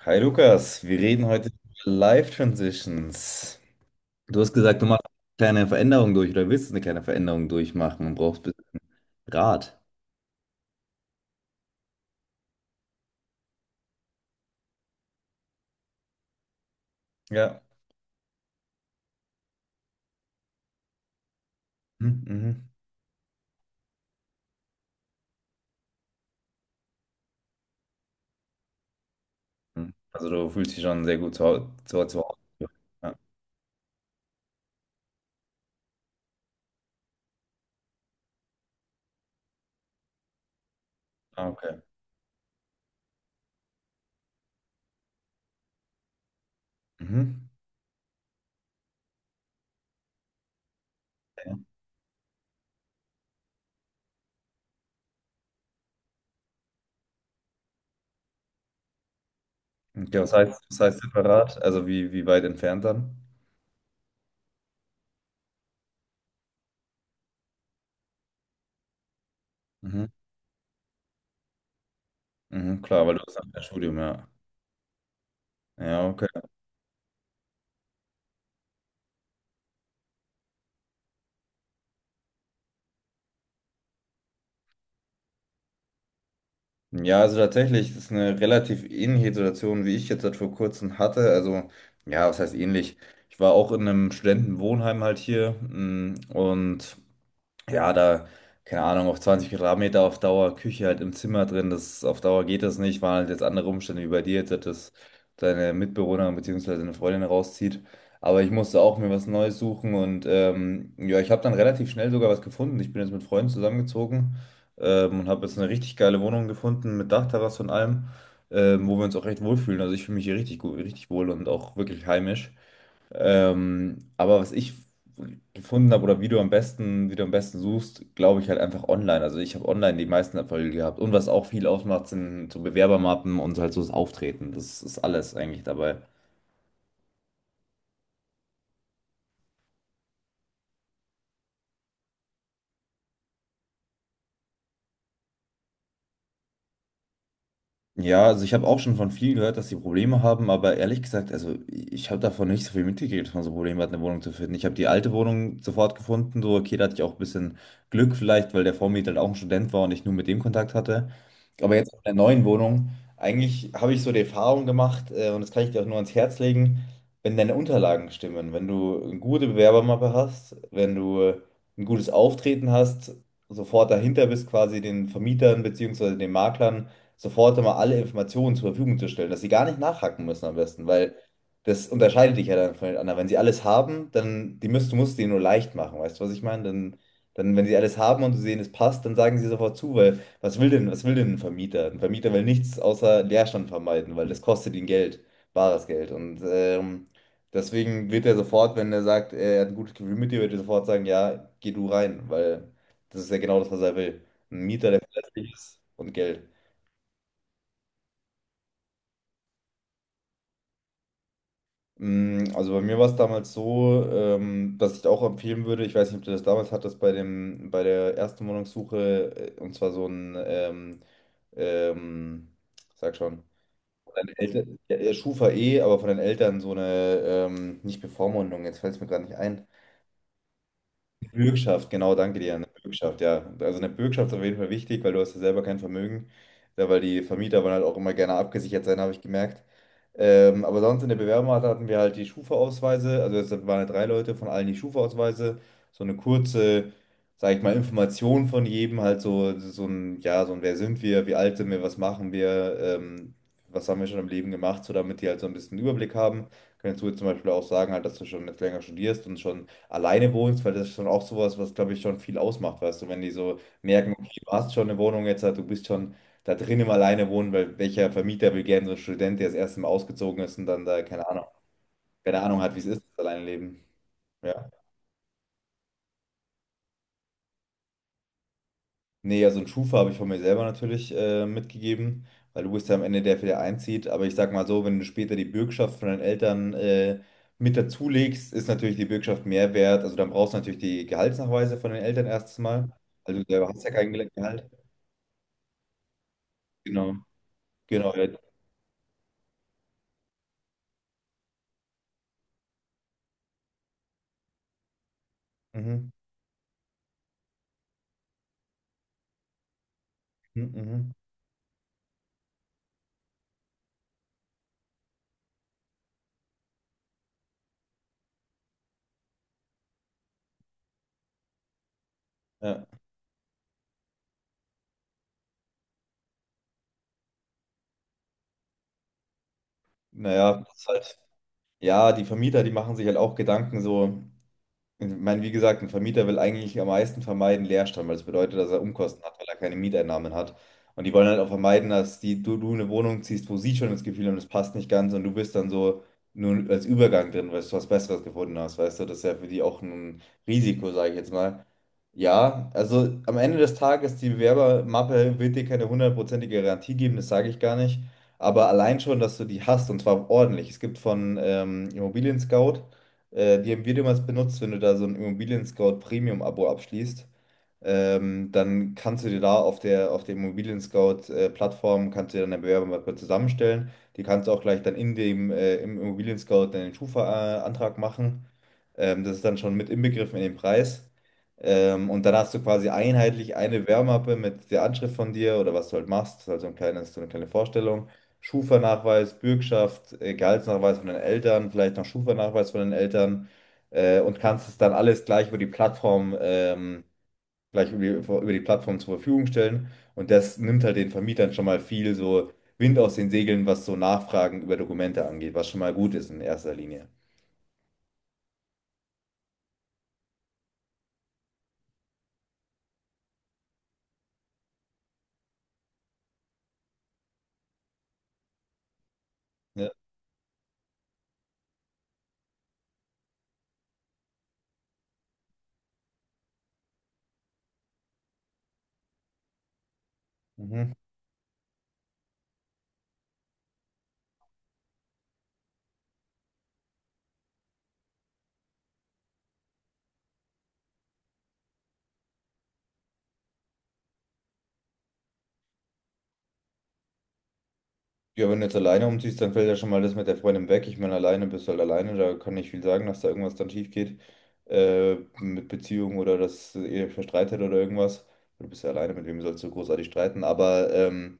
Hi Lukas, wir reden heute über Life Transitions. Du hast gesagt, du machst eine kleine Veränderung durch oder willst eine kleine Veränderung durchmachen und brauchst ein bisschen Rat. Ja. Mhm, mhm. Also du fühlst dich schon sehr gut zu Hause. Zu Hause. Ja. Ah, okay. Mhm. Okay, was heißt separat? Also wie weit entfernt dann? Mhm. Mhm, klar, weil du hast ein Studium, ja. Ja, okay. Ja, also tatsächlich, das ist eine relativ ähnliche Situation, wie ich jetzt halt vor kurzem hatte. Also, ja, was heißt ähnlich? Ich war auch in einem Studentenwohnheim halt hier und. Ja, da, keine Ahnung, auf 20 Quadratmeter auf Dauer, Küche halt im Zimmer drin, das auf Dauer geht das nicht, waren halt jetzt andere Umstände wie bei dir, jetzt, dass deine Mitbewohnerin bzw. deine Freundin rauszieht. Aber ich musste auch mir was Neues suchen und ja, ich habe dann relativ schnell sogar was gefunden. Ich bin jetzt mit Freunden zusammengezogen und habe jetzt eine richtig geile Wohnung gefunden mit Dachterrasse und allem, wo wir uns auch recht wohlfühlen. Also ich fühle mich hier richtig gut, richtig wohl und auch wirklich heimisch. Aber was ich gefunden habe oder wie du am besten suchst, glaube ich halt einfach online. Also ich habe online die meisten Erfolge gehabt. Und was auch viel ausmacht, sind so Bewerbermappen und so halt so das Auftreten. Das ist alles eigentlich dabei. Ja, also ich habe auch schon von vielen gehört, dass sie Probleme haben, aber ehrlich gesagt, also ich habe davon nicht so viel mitgekriegt, dass man so Probleme hat, eine Wohnung zu finden. Ich habe die alte Wohnung sofort gefunden, so okay, da hatte ich auch ein bisschen Glück vielleicht, weil der Vormieter halt auch ein Student war und ich nur mit dem Kontakt hatte. Aber jetzt in der neuen Wohnung, eigentlich habe ich so die Erfahrung gemacht, und das kann ich dir auch nur ans Herz legen, wenn deine Unterlagen stimmen, wenn du eine gute Bewerbermappe hast, wenn du ein gutes Auftreten hast, sofort dahinter bist quasi den Vermietern beziehungsweise den Maklern sofort immer alle Informationen zur Verfügung zu stellen, dass sie gar nicht nachhaken müssen am besten, weil das unterscheidet dich ja dann von den anderen. Wenn sie alles haben, dann du musst denen nur leicht machen, weißt du, was ich meine? Dann, wenn sie alles haben und sie sehen, es passt, dann sagen sie sofort zu, weil was will denn ein Vermieter? Ein Vermieter will nichts außer Leerstand vermeiden, weil das kostet ihn Geld, bares Geld. Und deswegen wird er sofort, wenn er sagt, er hat ein gutes Gefühl mit dir, wird er sofort sagen, ja, geh du rein, weil das ist ja genau das, was er will. Ein Mieter, der verlässlich ist und Geld. Also bei mir war es damals so, dass ich auch empfehlen würde, ich weiß nicht, ob du das damals hattest, bei der ersten Wohnungssuche, und zwar so ein, ähm, sag schon, von deinen Eltern, ja, ja, Schufa eh, aber von den Eltern so eine, nicht Bevormundung, jetzt fällt es mir gerade nicht ein. Bürgschaft, genau, danke dir. Eine Bürgschaft, ja. Also eine Bürgschaft ist auf jeden Fall wichtig, weil du hast ja selber kein Vermögen, ja, weil die Vermieter wollen halt auch immer gerne abgesichert sein, habe ich gemerkt. Aber sonst in der Bewerbung hatten wir halt die Schufa-Ausweise, also es waren halt drei Leute von allen die Schufa-Ausweise, so eine kurze, sage ich mal, Information von jedem, halt so, so ein, ja, so ein, wer sind wir, wie alt sind wir, was machen wir, was haben wir schon im Leben gemacht, so damit die halt so ein bisschen Überblick haben. Kannst du jetzt zum Beispiel auch sagen, halt, dass du schon jetzt länger studierst und schon alleine wohnst, weil das ist schon auch sowas, was, glaube ich, schon viel ausmacht, weißt du, wenn die so merken, okay, du hast schon eine Wohnung jetzt, halt, du bist schon da drin im Alleine wohnen, weil welcher Vermieter will gerne so einen Student, der das erste Mal ausgezogen ist und dann da, keine Ahnung, keine Ahnung hat, wie es ist, das alleine leben. Ja. Nee, also einen Schufa habe ich von mir selber natürlich mitgegeben, weil du bist ja am Ende der, der einzieht. Aber ich sag mal so, wenn du später die Bürgschaft von deinen Eltern mit dazulegst, ist natürlich die Bürgschaft mehr wert. Also dann brauchst du natürlich die Gehaltsnachweise von den Eltern erstes Mal. Also du selber hast ja kein Gehalt. Genau, genau. Ja. Mhm. Mhm. Mhm. Ja. Naja, das ist halt, ja, die Vermieter, die machen sich halt auch Gedanken so. Ich meine, wie gesagt, ein Vermieter will eigentlich am meisten vermeiden Leerstand, weil das bedeutet, dass er Umkosten hat, weil er keine Mieteinnahmen hat. Und die wollen halt auch vermeiden, dass du eine Wohnung ziehst, wo sie schon das Gefühl haben, es passt nicht ganz und du bist dann so nur als Übergang drin, weil du was Besseres gefunden hast. Weißt du, das ist ja für die auch ein Risiko, sage ich jetzt mal. Ja, also am Ende des Tages, die Bewerbermappe wird dir keine hundertprozentige Garantie geben, das sage ich gar nicht. Aber allein schon, dass du die hast und zwar ordentlich. Es gibt von Immobilien Scout, die haben wir damals benutzt, wenn du da so ein Immobilien Scout Premium-Abo abschließt, dann kannst du dir da auf der Immobilien Scout Plattform, kannst du dir dann eine Bewerbermappe zusammenstellen. Die kannst du auch gleich dann im Immobilien Scout deinen Schufa-Antrag machen. Das ist dann schon mit inbegriffen in den Preis. Und dann hast du quasi einheitlich eine Wärmmappe mit der Anschrift von dir oder was du halt machst, also ein kleines, so eine kleine Vorstellung. Schufa-Nachweis, Bürgschaft, Gehaltsnachweis von den Eltern, vielleicht noch Schufa-Nachweis von den Eltern und kannst es dann alles gleich über die Plattform, gleich über die Plattform zur Verfügung stellen. Und das nimmt halt den Vermietern schon mal viel so Wind aus den Segeln, was so Nachfragen über Dokumente angeht, was schon mal gut ist in erster Linie. Ja. Mhm. Ja, wenn du jetzt alleine umziehst, dann fällt ja schon mal das mit der Freundin weg. Ich meine, alleine bist du halt alleine, da kann nicht viel sagen, dass da irgendwas dann schief geht. Mit Beziehung oder dass ihr euch verstreitet oder irgendwas. Du bist ja alleine, mit wem sollst du großartig streiten? Aber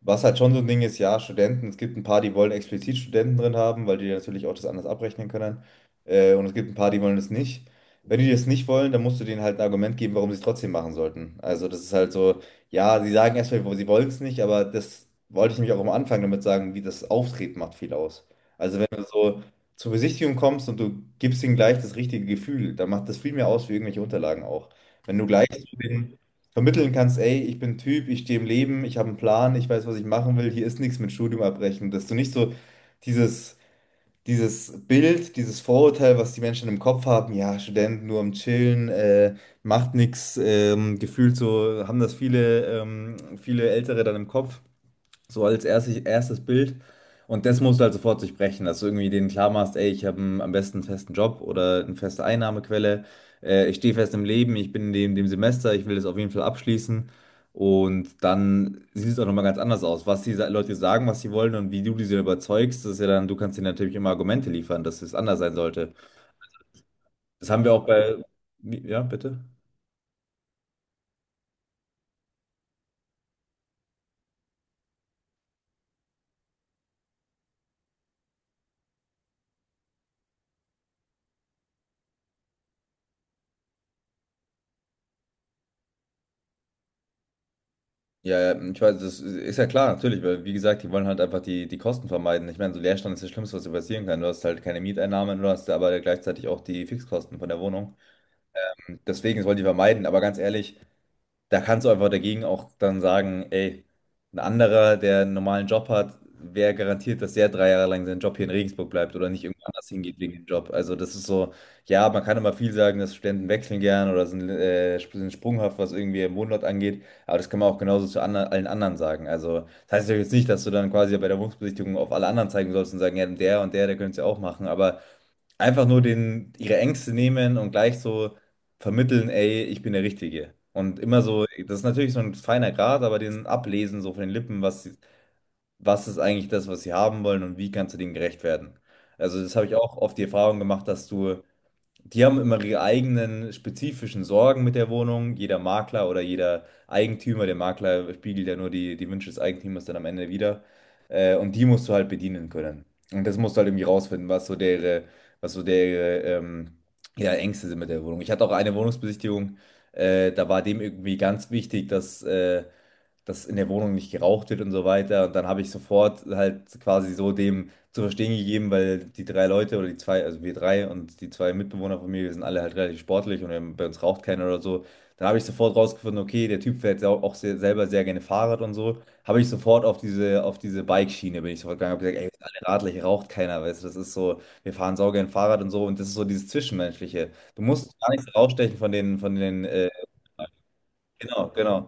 was halt schon so ein Ding ist, ja, Studenten, es gibt ein paar, die wollen explizit Studenten drin haben, weil die natürlich auch das anders abrechnen können. Und es gibt ein paar, die wollen es nicht. Wenn die das nicht wollen, dann musst du denen halt ein Argument geben, warum sie es trotzdem machen sollten. Also das ist halt so, ja, sie sagen erstmal, sie wollen es nicht, aber das wollte ich nämlich auch am Anfang damit sagen, wie das Auftreten macht viel aus. Also wenn du so zur Besichtigung kommst und du gibst ihnen gleich das richtige Gefühl, dann macht das viel mehr aus wie irgendwelche Unterlagen auch. Wenn du gleich zu den vermitteln kannst, ey, ich bin ein Typ, ich stehe im Leben, ich habe einen Plan, ich weiß, was ich machen will, hier ist nichts mit Studium abbrechen, dass du nicht so dieses, dieses Bild, dieses Vorurteil, was die Menschen im Kopf haben, ja, Studenten nur am Chillen, macht nichts, gefühlt so haben das viele, viele Ältere dann im Kopf. So als erstes Bild. Und das musst du halt sofort durchbrechen, dass du irgendwie denen klar machst, ey, ich habe am besten einen festen Job oder eine feste Einnahmequelle. Ich stehe fest im Leben, ich bin in dem Semester, ich will das auf jeden Fall abschließen. Und dann sieht es auch nochmal ganz anders aus. Was die Leute sagen, was sie wollen und wie du diese überzeugst, das ist ja dann, du kannst ihnen natürlich immer Argumente liefern, dass es anders sein sollte. Das haben wir auch bei. Ja, bitte? Ja, ja, ich weiß, das ist ja klar, natürlich, weil wie gesagt, die wollen halt einfach die Kosten vermeiden. Ich meine, so Leerstand ist das Schlimmste, was dir passieren kann. Du hast halt keine Mieteinnahmen, du hast aber gleichzeitig auch die Fixkosten von der Wohnung. Deswegen das wollen die vermeiden, aber ganz ehrlich, da kannst du einfach dagegen auch dann sagen, ey, ein anderer, der einen normalen Job hat, wer garantiert, dass der 3 Jahre lang seinen Job hier in Regensburg bleibt oder nicht irgendwo anders hingeht wegen dem Job? Also das ist so, ja, man kann immer viel sagen, dass Studenten wechseln gern oder sind, sind sprunghaft, was irgendwie im Wohnort angeht, aber das kann man auch genauso zu allen anderen sagen. Also das heißt ja jetzt nicht, dass du dann quasi bei der Wohnungsbesichtigung auf alle anderen zeigen sollst und sagen, ja, der und der, der könnte es ja auch machen, aber einfach nur den, ihre Ängste nehmen und gleich so vermitteln, ey, ich bin der Richtige. Und immer so, das ist natürlich so ein feiner Grat, aber den ablesen so von den Lippen, was, was ist eigentlich das, was sie haben wollen und wie kannst du denen gerecht werden. Also das habe ich auch oft die Erfahrung gemacht, dass du die haben immer ihre eigenen spezifischen Sorgen mit der Wohnung. Jeder Makler oder jeder Eigentümer, der Makler spiegelt ja nur die Wünsche des Eigentümers dann am Ende wieder. Und die musst du halt bedienen können. Und das musst du halt irgendwie rausfinden, was so deren, ja, Ängste sind mit der Wohnung. Ich hatte auch eine Wohnungsbesichtigung, da war dem irgendwie ganz wichtig, dass dass in der Wohnung nicht geraucht wird und so weiter. Und dann habe ich sofort halt quasi so dem zu verstehen gegeben, weil die drei Leute oder die zwei, also wir drei und die zwei Mitbewohner von mir, wir sind alle halt relativ sportlich und bei uns raucht keiner oder so. Dann habe ich sofort rausgefunden, okay, der Typ fährt auch sehr, selber sehr gerne Fahrrad und so. Habe ich sofort auf diese Bike-Schiene bin ich sofort gegangen, habe gesagt, ey, wir sind alle Radler, hier raucht keiner, weißt du, das ist so, wir fahren saugern Fahrrad und so und das ist so dieses Zwischenmenschliche. Du musst gar nichts rausstechen von den Genau, genau.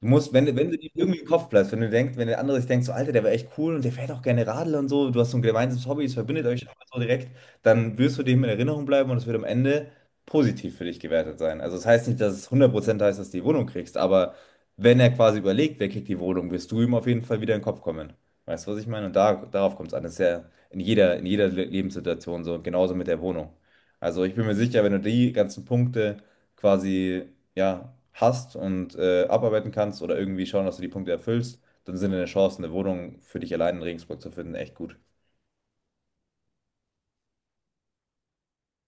Du musst, wenn du dir irgendwie im Kopf bleibst, wenn du denkst, wenn der andere sich denkt, so Alter, der war echt cool und der fährt auch gerne Radl und so, du hast so ein gemeinsames Hobby, es verbindet euch auch so direkt, dann wirst du dem in Erinnerung bleiben und es wird am Ende positiv für dich gewertet sein. Also es das heißt nicht, dass es 100% heißt, dass du die Wohnung kriegst, aber wenn er quasi überlegt, wer kriegt die Wohnung, wirst du ihm auf jeden Fall wieder in den Kopf kommen. Weißt du, was ich meine? Und da, darauf kommt es an. Das ist ja in jeder Lebenssituation so, genauso mit der Wohnung. Also ich bin mir sicher, wenn du die ganzen Punkte quasi ja, hast und abarbeiten kannst oder irgendwie schauen, dass du die Punkte erfüllst, dann sind deine Chancen, eine Wohnung für dich allein in Regensburg zu finden, echt gut.